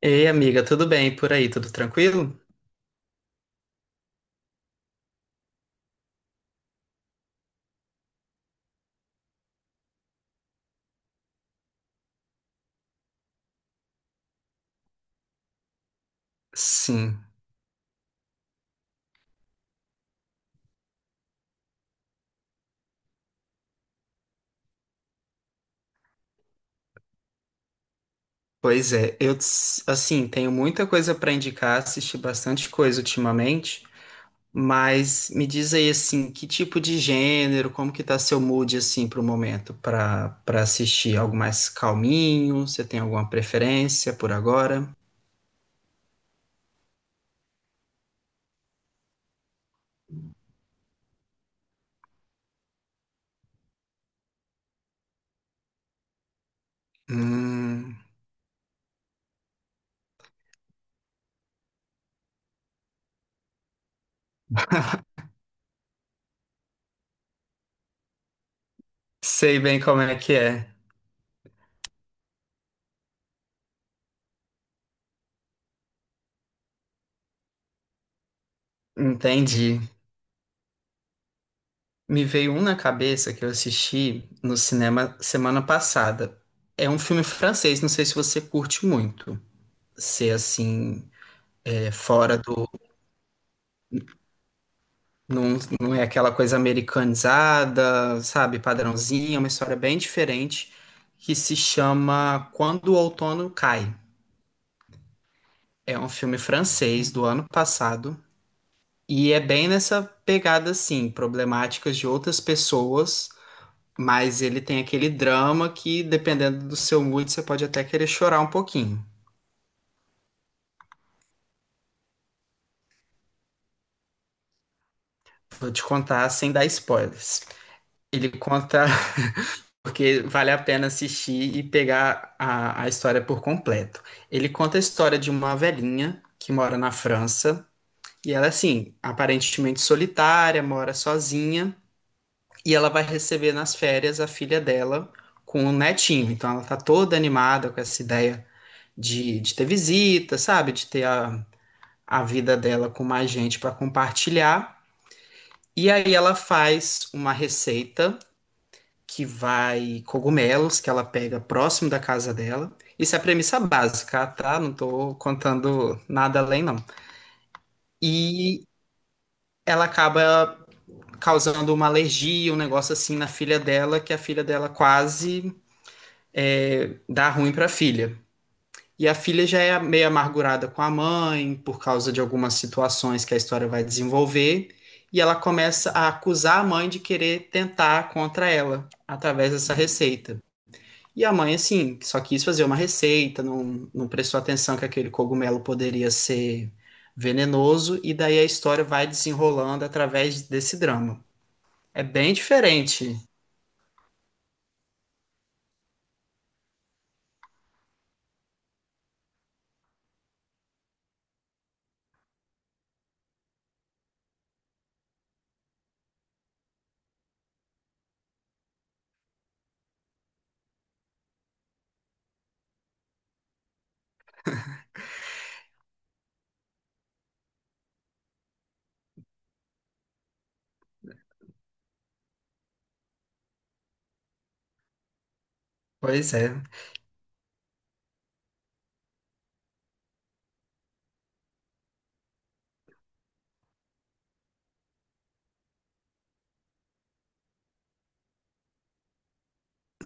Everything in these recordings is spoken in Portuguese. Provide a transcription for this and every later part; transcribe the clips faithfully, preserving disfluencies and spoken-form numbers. Ei, amiga, tudo bem por aí? Tudo tranquilo? Sim, pois é. Eu, ts- assim, tenho muita coisa para indicar, assisti bastante coisa ultimamente, mas me diz aí, assim, que tipo de gênero, como que tá seu mood, assim, pro momento, para para assistir algo mais calminho? Você tem alguma preferência por agora? Hum, sei bem como é que é. Entendi. Me veio um na cabeça que eu assisti no cinema semana passada. É um filme francês, não sei se você curte muito. Ser assim, é, fora do. Não, não é aquela coisa americanizada, sabe, padrãozinha, é uma história bem diferente que se chama Quando o Outono Cai. É um filme francês do ano passado e é bem nessa pegada assim, problemáticas de outras pessoas. Mas ele tem aquele drama que, dependendo do seu mood, você pode até querer chorar um pouquinho. Vou te contar sem dar spoilers. Ele conta porque vale a pena assistir e pegar a, a história por completo. Ele conta a história de uma velhinha que mora na França e ela, assim, aparentemente solitária, mora sozinha, e ela vai receber nas férias a filha dela com o netinho. Então ela tá toda animada com essa ideia de, de ter visita, sabe? De ter a a vida dela com mais gente para compartilhar. E aí ela faz uma receita que vai cogumelos que ela pega próximo da casa dela. Isso é a premissa básica, tá? Não tô contando nada além, não. E ela acaba causando uma alergia, um negócio assim na filha dela, que a filha dela quase é, dá ruim para filha. E a filha já é meio amargurada com a mãe, por causa de algumas situações que a história vai desenvolver, e ela começa a acusar a mãe de querer tentar contra ela, através dessa receita. E a mãe, assim, só quis fazer uma receita, não, não prestou atenção que aquele cogumelo poderia ser venenoso, e daí a história vai desenrolando através desse drama. É bem diferente. Pois é.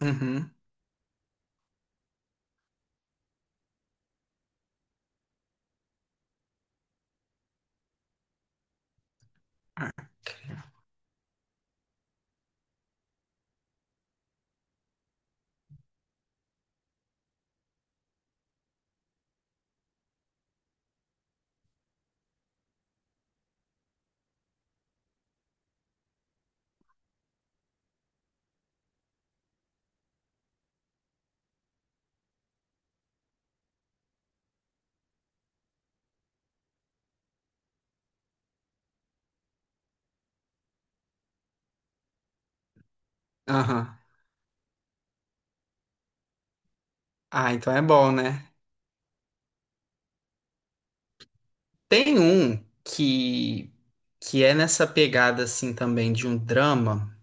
Uhum. Aham. Ah, então é bom, né? Tem um que que é nessa pegada assim também de um drama.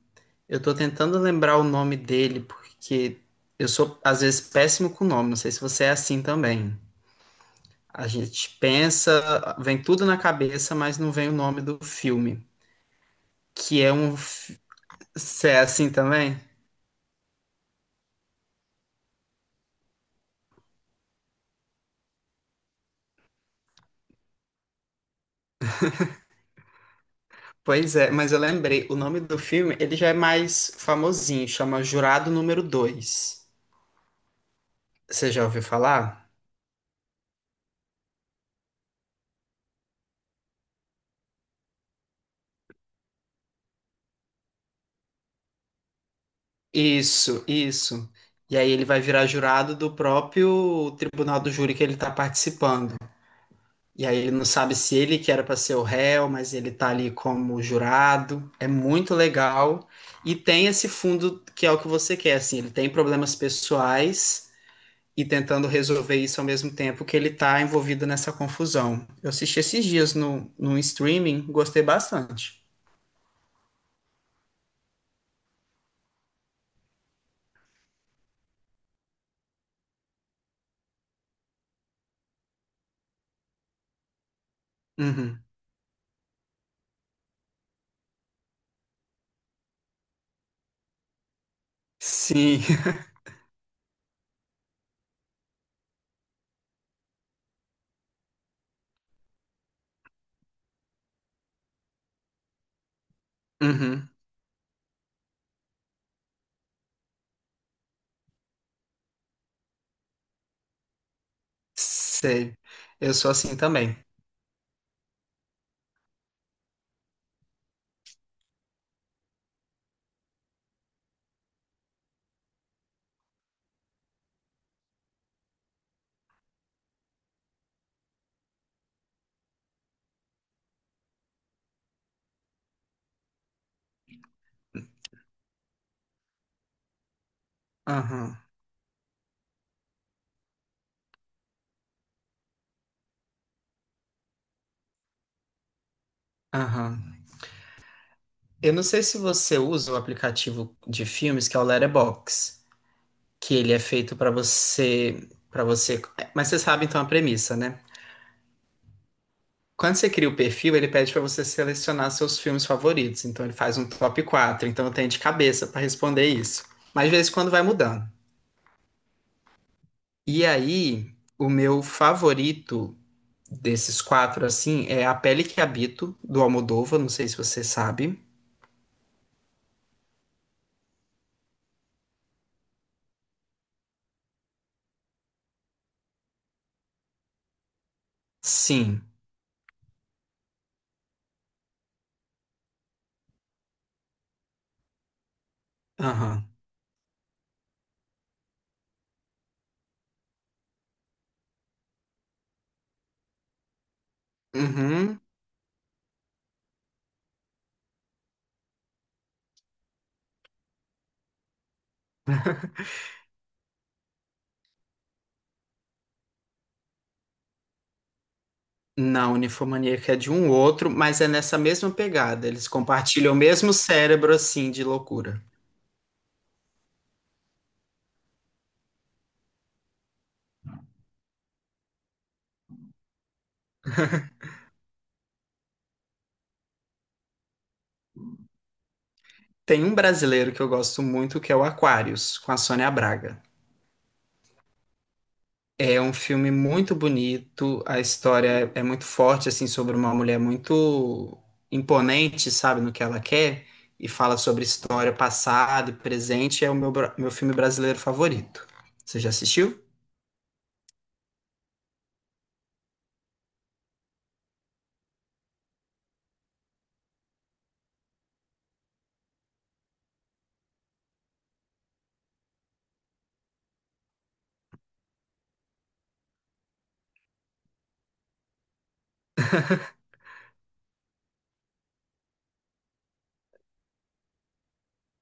Eu tô tentando lembrar o nome dele porque eu sou às vezes péssimo com o nome, não sei se você é assim também. A gente pensa, vem tudo na cabeça, mas não vem o nome do filme, que é um fi- você é assim também? Pois é, mas eu lembrei, o nome do filme, ele já é mais famosinho, chama Jurado Número Dois. Você já ouviu falar? Isso, isso. E aí ele vai virar jurado do próprio tribunal do júri que ele está participando. E aí ele não sabe se ele que era para ser o réu, mas ele tá ali como jurado. É muito legal. E tem esse fundo que é o que você quer, assim, ele tem problemas pessoais e tentando resolver isso ao mesmo tempo que ele tá envolvido nessa confusão. Eu assisti esses dias no, no streaming, gostei bastante. Uhum. Sim. Uhum. Sei. Eu sou assim também. Aham, aham. Eu não sei se você usa o aplicativo de filmes que é o Letterboxd, que ele é feito para você, para você, é, mas você sabe então a premissa, né? Quando você cria o perfil, ele pede para você selecionar seus filmes favoritos, então ele faz um top quatro, então eu tenho de cabeça para responder isso. Mas de vez em quando vai mudando. E aí, o meu favorito desses quatro assim é A Pele que Habito do Almodóvar, não sei se você sabe. Sim. Aham. Uhum. Não, Ninfomaníaca é de um outro, mas é nessa mesma pegada. Eles compartilham o mesmo cérebro, assim, de loucura. Tem um brasileiro que eu gosto muito, que é o Aquarius, com a Sônia Braga. É um filme muito bonito, a história é é muito forte, assim, sobre uma mulher muito imponente, sabe, no que ela quer, e fala sobre história, passado e presente. É o meu, bra- meu filme brasileiro favorito. Você já assistiu?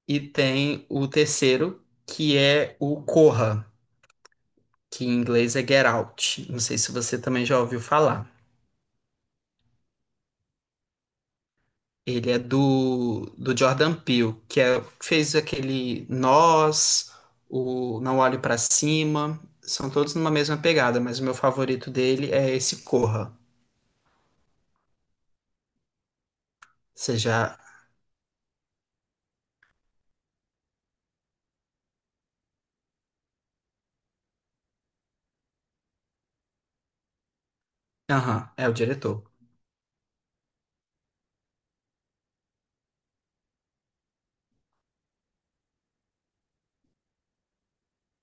E tem o terceiro, que é o Corra, que em inglês é Get Out. Não sei se você também já ouviu falar. Ele é do, do Jordan Peele, que é, fez aquele Nós, o Não Olhe Pra Cima. São todos numa mesma pegada, mas o meu favorito dele é esse Corra. Você já. Aham, é o diretor.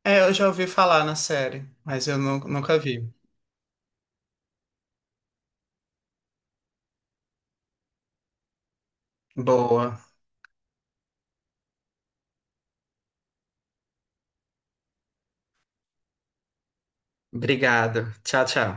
É, eu já ouvi falar na série, mas eu nu- nunca vi. Boa. Obrigado. Tchau, tchau.